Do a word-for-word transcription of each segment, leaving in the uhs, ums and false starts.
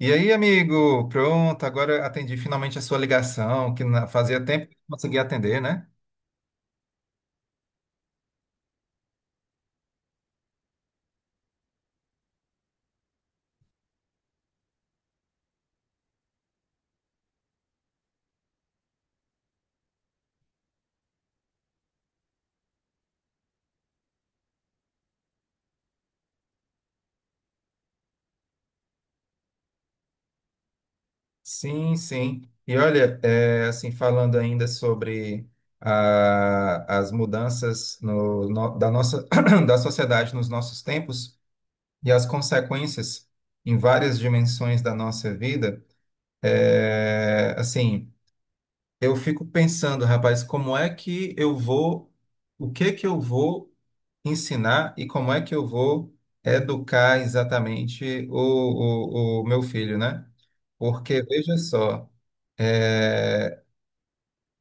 E aí, amigo? Pronto, agora atendi finalmente a sua ligação, que na- fazia tempo que não conseguia atender, né? Sim, sim. E olha, é, assim, falando ainda sobre a- as mudanças no- no- da nossa, da sociedade nos nossos tempos e as consequências em várias dimensões da nossa vida, é, assim, eu fico pensando, rapaz, como é que eu vou, o que que eu vou ensinar e como é que eu vou educar exatamente o, o, o meu filho, né? Porque, veja só, eh,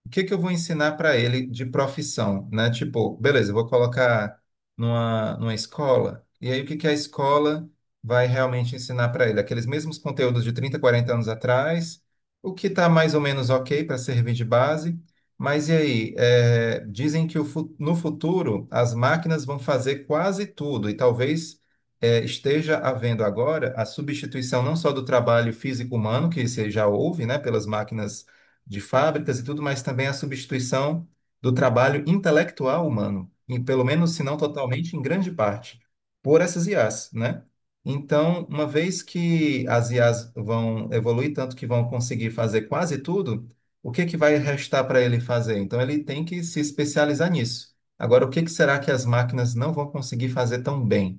o que que eu vou ensinar para ele de profissão, né? Tipo, beleza, eu vou colocar numa, numa escola, e aí o que que a escola vai realmente ensinar para ele? Aqueles mesmos conteúdos de trinta, quarenta anos atrás, o que está mais ou menos ok para servir de base, mas e aí? É, dizem que o fu- no futuro as máquinas vão fazer quase tudo, e talvez. é, esteja havendo agora a substituição não só do trabalho físico humano, que você já ouve, né, pelas máquinas de fábricas e tudo, mas também a substituição do trabalho intelectual humano, em pelo menos, se não totalmente, em grande parte, por essas I As, né? Então, uma vez que as I As vão evoluir tanto que vão conseguir fazer quase tudo, o que que vai restar para ele fazer? Então, ele tem que se especializar nisso. Agora, o que que será que as máquinas não vão conseguir fazer tão bem?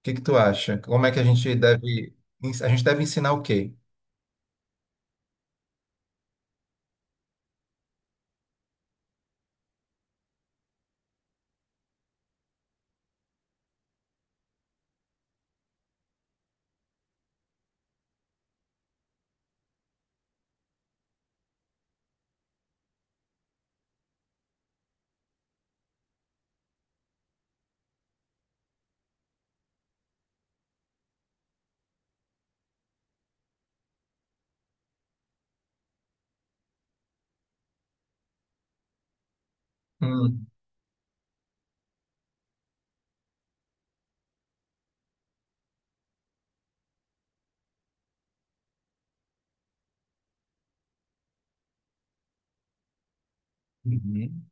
O que que tu acha? Como é que a gente deve, a gente deve ensinar o quê? Hum. Uhum.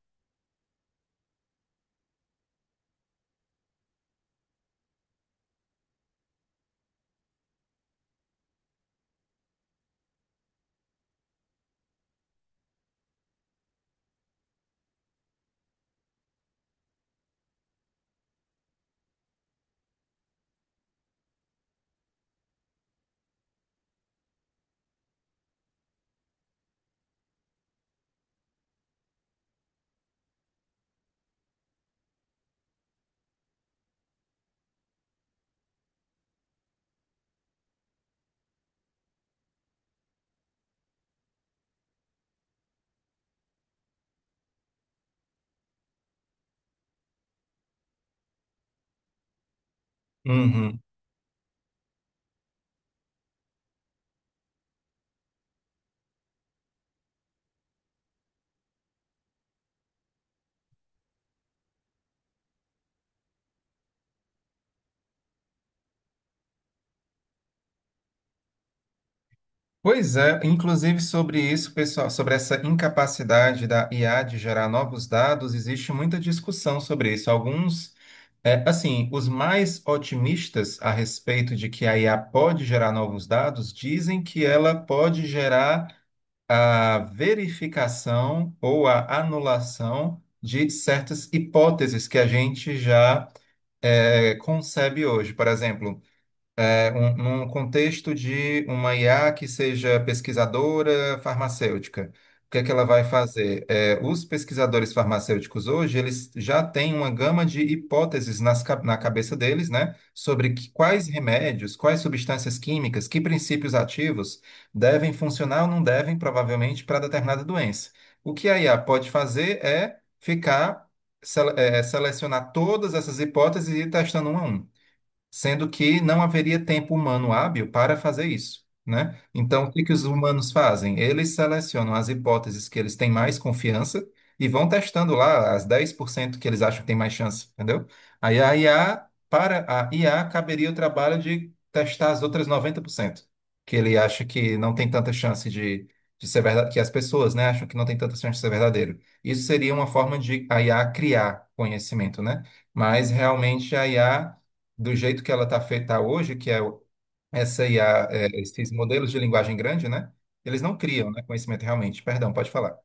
Uhum. Pois é, inclusive sobre isso, pessoal, sobre essa incapacidade da I A de gerar novos dados, existe muita discussão sobre isso. Alguns, é, assim, os mais otimistas a respeito de que a I A pode gerar novos dados dizem que ela pode gerar a verificação ou a anulação de certas hipóteses que a gente já, é, concebe hoje. Por exemplo, é, um, num contexto de uma I A que seja pesquisadora farmacêutica, o que é que ela vai fazer? É, os pesquisadores farmacêuticos hoje, eles já têm uma gama de hipóteses nas, ca- na cabeça deles, né, sobre que- quais remédios, quais substâncias químicas, que princípios ativos devem funcionar ou não devem, provavelmente, para determinada doença. O que a I A pode fazer é ficar, sele- é, selecionar todas essas hipóteses e ir testando uma a uma sendo que não haveria tempo humano hábil para fazer isso, né? Então, o que que os humanos fazem? Eles selecionam as hipóteses que eles têm mais confiança e vão testando lá as dez por cento que eles acham que tem mais chance, entendeu? Aí a I A, para a I A, caberia o trabalho de testar as outras noventa por cento que ele acha que não tem tanta chance de, de ser verdade, que as pessoas, né, acham que não tem tanta chance de ser verdadeiro. Isso seria uma forma de a I A criar conhecimento, né? Mas realmente a I A do jeito que ela está feita hoje, que é o- essa I A, é, esses modelos de linguagem grande, né? Eles não criam, né, conhecimento realmente. Perdão, pode falar.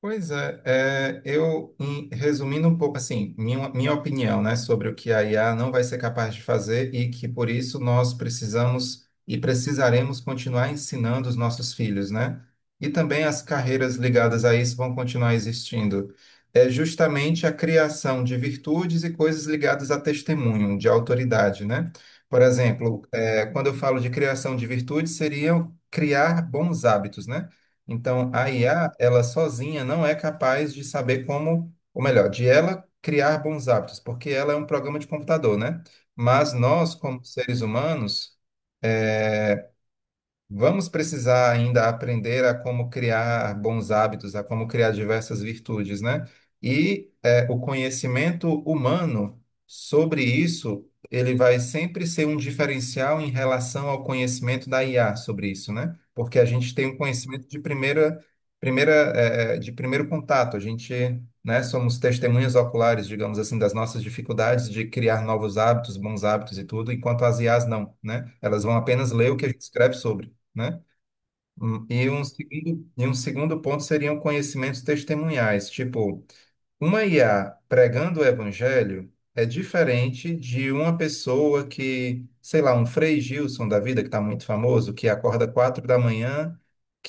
Pois é, é, eu, em- resumindo um pouco, assim, minha, minha opinião, né, sobre o que a I A não vai ser capaz de fazer e que por isso nós precisamos e precisaremos continuar ensinando os nossos filhos, né? E também as carreiras ligadas a isso vão continuar existindo. É justamente a criação de virtudes e coisas ligadas a testemunho, de autoridade, né? Por exemplo, é, quando eu falo de criação de virtudes, seriam criar bons hábitos, né? Então, a I A, ela sozinha não é capaz de saber como, ou melhor, de ela criar bons hábitos, porque ela é um programa de computador, né? Mas nós, como seres humanos, vamos precisar ainda aprender a como criar bons hábitos, a como criar diversas virtudes, né? E eh, o conhecimento humano sobre isso, ele vai sempre ser um diferencial em relação ao conhecimento da I A sobre isso, né? Porque a gente tem um conhecimento de primeira, primeira, eh, eh, de primeiro contato. A gente, né, somos testemunhas oculares, digamos assim, das nossas dificuldades de criar novos hábitos, bons hábitos e tudo, enquanto as I As não, né? Elas vão apenas ler o que a gente escreve sobre, né? Hum, E um segundo, e um segundo ponto seriam conhecimentos testemunhais, tipo, uma I A pregando o evangelho é diferente de uma pessoa que, sei lá, um Frei Gilson da vida, que está muito famoso, que acorda quatro da manhã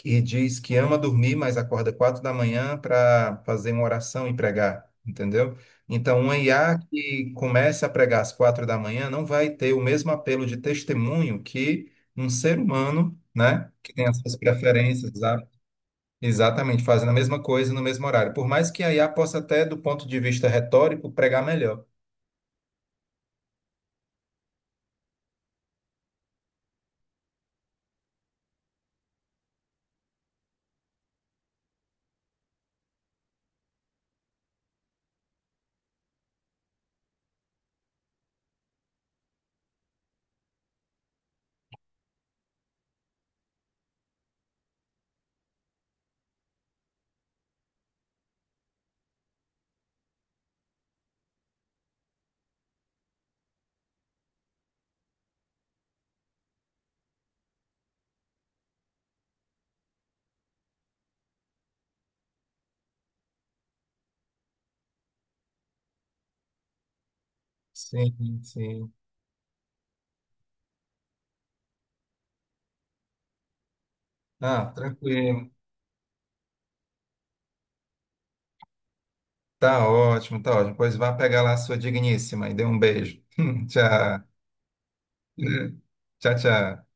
e diz que ama dormir, mas acorda quatro da manhã para fazer uma oração e pregar, entendeu? Então, uma I A que comece a pregar às quatro da manhã não vai ter o mesmo apelo de testemunho que um ser humano, né, que tem as suas preferências. Exatamente, fazendo a mesma coisa no mesmo horário. Por mais que a I A possa até, do ponto de vista retórico, pregar melhor. Sim, sim. Ah, tranquilo. Tá ótimo, tá ótimo. Pois vá pegar lá a sua digníssima e dê um beijo. Tchau. Tchau, tchau.